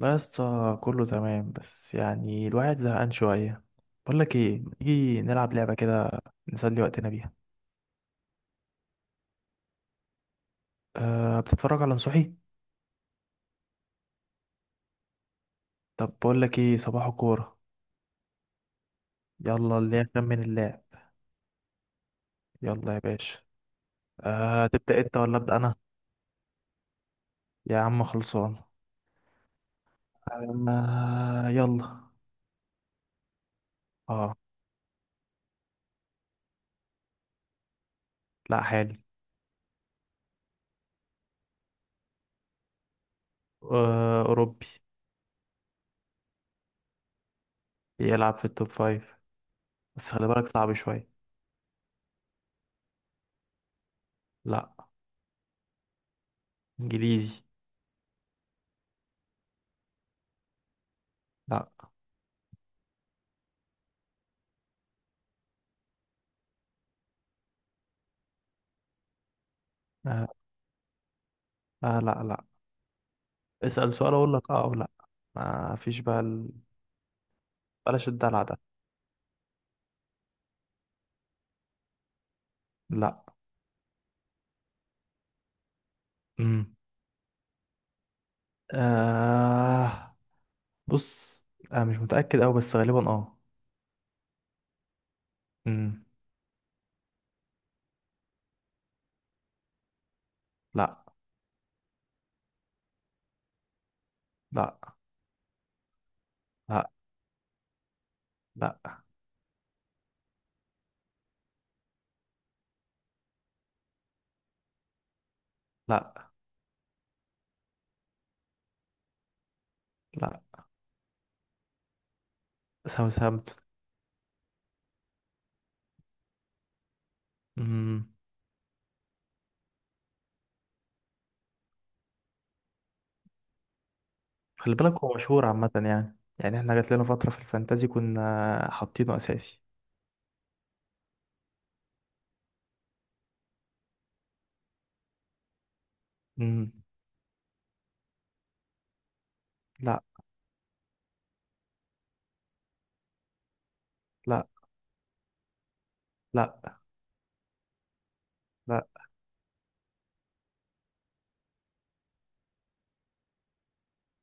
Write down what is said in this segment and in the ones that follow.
لا يا اسطى، كله تمام بس يعني الواحد زهقان شوية. بقول لك ايه، ما تيجي نلعب لعبة كده نسلي وقتنا بيها؟ أه، بتتفرج على نصوحي؟ طب بقول لك ايه، صباح الكورة. يلا اللي يخمن من اللاعب. يلا يا باشا. أه، تبدأ انت ولا أبدأ انا؟ يا عم خلصان. أه يلا. اه. لا، حالي. أه أوروبي. بيلعب في التوب فايف. بس خلي بالك صعب شوية. لا. إنجليزي. لا. أه. آه، لا لا. اسأل سؤال اقول لك اه او لا. ما فيش بقى بلاش الدلع ده. لا. امم. آه بص. مش متأكد أوي بس غالبا اه. امم. لا. لا. لا. لا. لا. لا. ساوثهامبتون. امم. خلي بالك، هو مشهور عامة، يعني يعني احنا جات لنا فترة في الفانتازي كنا حاطينه أساسي. امم. لا. لا. لا. لا.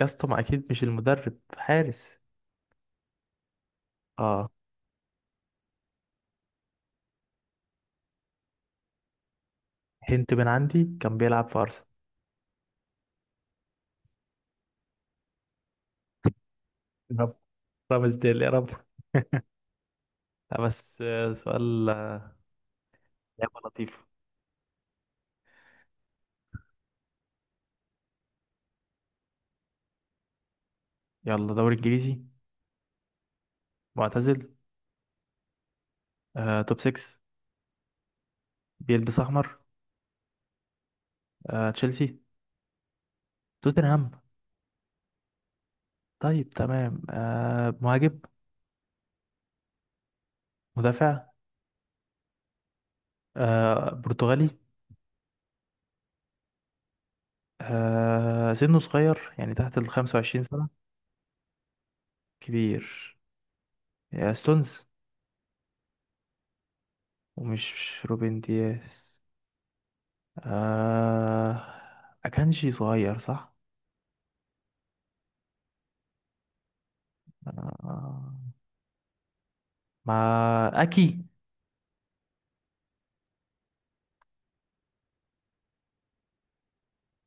يا اسطى ما أكيد مش المدرب حارس. اه. هنت من عندي، كان بيلعب في أرسنال. رب. رامز ديل يا رب. لا بس سؤال. لعبة لطيفة. يلا دوري انجليزي. معتزل. توب 6. بيلبس احمر. تشيلسي. توتنهام. طيب تمام. مهاجم. مدافع. برتغالي. سنه صغير يعني تحت ال 25 سنة. كبير. ستونز. ومش روبن دياس. آه، أكانجي صغير صح؟ آه، مع. أكي.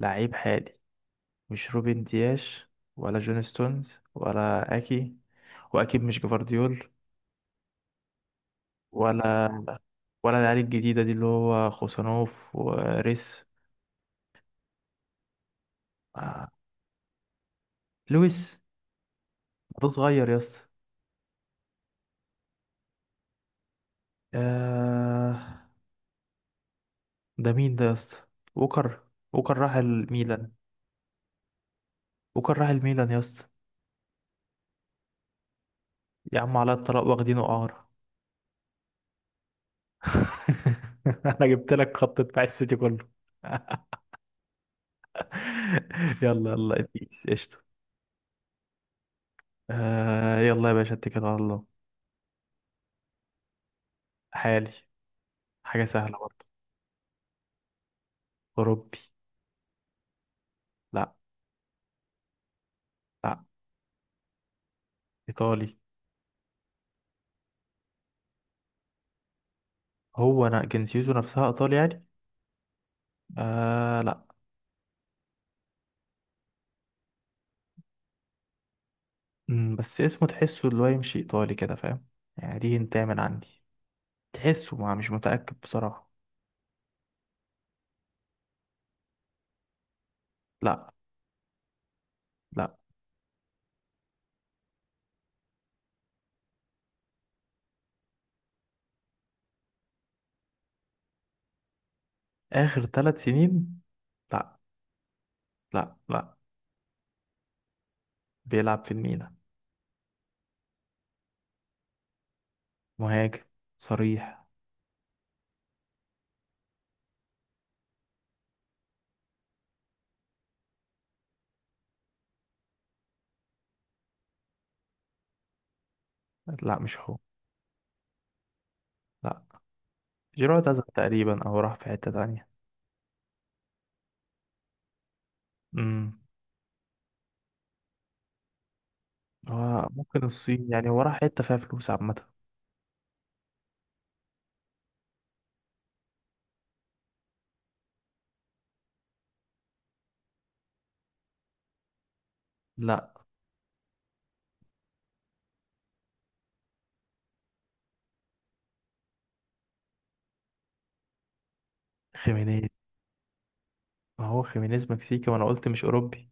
لعيب حالي. مش روبن دياش ولا جون ستونز ولا اكي. واكيد مش جفارديول. ولا ولا العيال الجديده دي اللي هو خوسانوف وريس. آه. لويس. ده صغير يا اسطى. آه. ده مين ده يا اسطى؟ ووكر. ووكر راح الميلان. ووكر راح الميلان يا اسطى. يا عم على الطلاق واخدينه قعر. انا جبت لك خط دفاع السيتي كله. يلا يلا بيس قشطه. آه. يلا يا باشا، اتكل على الله. حالي. حاجه سهله. أوروبي. لا. لا. إيطالي. هو أنا جنسيته نفسها إيطالي يعني. آه لا. مم، بس اسمه تحسه اللي هو يمشي إيطالي كده، فاهم؟ يعني دي انت من عندي. تحسه، ما مش متأكد بصراحة. لا. لا. آخر 3 سنين. لا. لا لا. بيلعب في الميلان. مهاجم صريح. لا مش هو. لا. جيرو اعتزل تقريبا أو راح في حتة تانية. امم. هو ممكن الصين يعني، هو راح حتة فيها فلوس عامة. لا. خيمينيز. ما هو خيمينيز مكسيكي وأنا قلت مش أوروبي.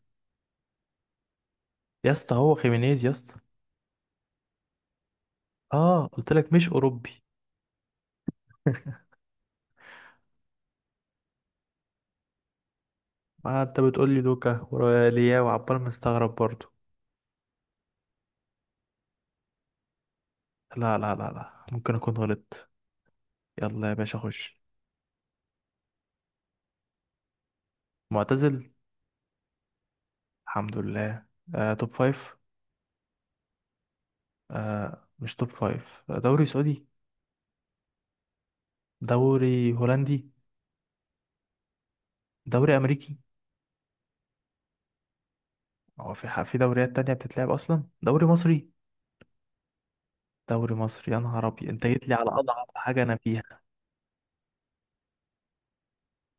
يا اسطى هو خيمينيز يا اسطى. اه قلت لك مش اوروبي. ما انت بتقول لي لوكا وريا وعبال مستغرب برضو. لا لا لا لا ممكن اكون غلطت. يلا يا باشا خش. معتزل. الحمد لله. آه توب فايف. آه مش توب فايف. دوري سعودي. دوري هولندي. دوري امريكي. هو في دوريات تانية بتتلعب اصلا. دوري مصري؟ دوري مصري يا نهار ابيض، انت جيت لي على اضعف حاجه انا فيها.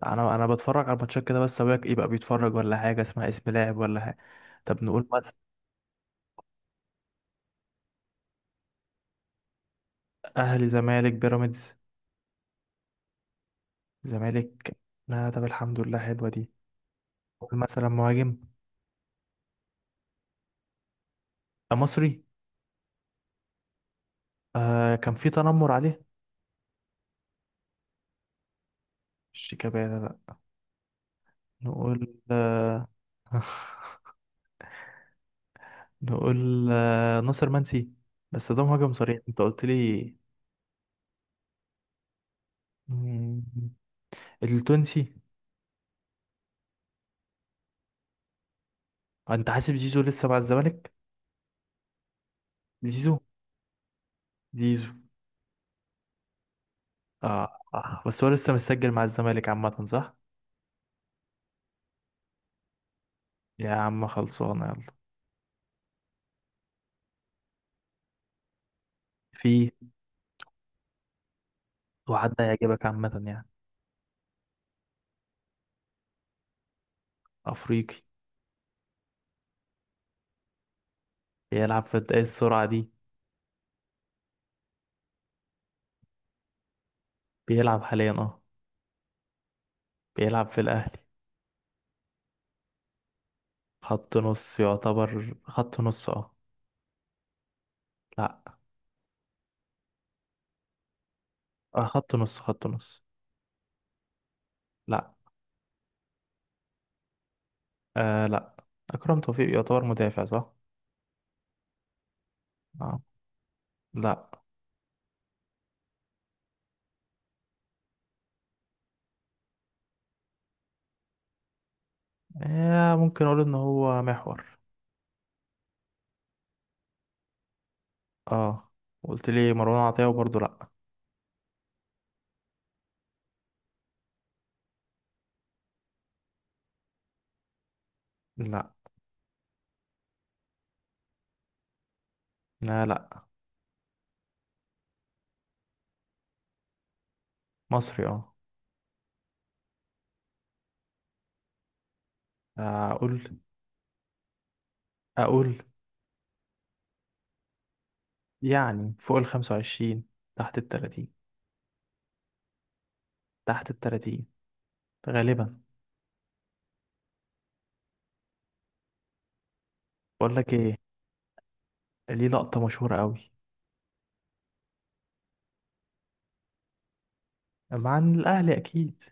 انا بتفرج على الماتشات كده بس، ابويا يبقى بيتفرج ولا حاجه. اسمها اسم لاعب ولا حاجه. طب نقول. اهلي، زمالك، بيراميدز. زمالك. لا، طب الحمد لله حلوه دي. قول مثلا مهاجم. مصري. آه كان في تنمر عليه. شيكابالا لا. نقول آه. نقول آه ناصر منسي. بس ده مهاجم صريح انت قلت لي. مم، التونسي. انت حاسب زيزو لسه مع الزمالك؟ زيزو. زيزو. آه. اه بس هو لسه مسجل مع الزمالك عامه صح؟ يا عم خلصانه يلا. في. وعد هيعجبك عامه يعني. افريقي. بيلعب في ايه السرعة دي؟ بيلعب حاليا اه. بيلعب في الأهلي. خط نص يعتبر، خط نص اه. لا. آه خط نص خط نص. لا. آه لا. أكرم توفيق يعتبر مدافع صح؟ آه. لا. آه ممكن أقول إن هو محور. اه قلت لي مروان عطية وبرضه لا. لا لا لا. مصري اه. أقول. أقول. يعني فوق ال 25، تحت ال 30. تحت التلاتين غالبا. بقول لك ايه. ليه لقطة مشهورة قوي. مع الأهلي أكيد.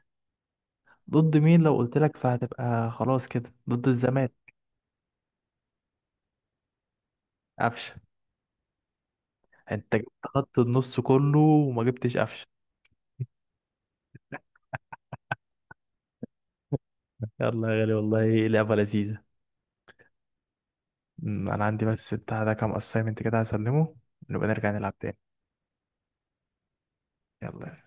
ضد مين لو قلت لك فهتبقى خلاص كده، ضد الزمالك. قفشة. أنت جبت خط النص كله وما جبتش قفشة؟ يلا يا غالي والله لعبة لذيذة. أمم، أنا عندي بس بتاع ده كام أسايمنت كده هسلمه ونبقى نرجع نلعب تاني. يلا.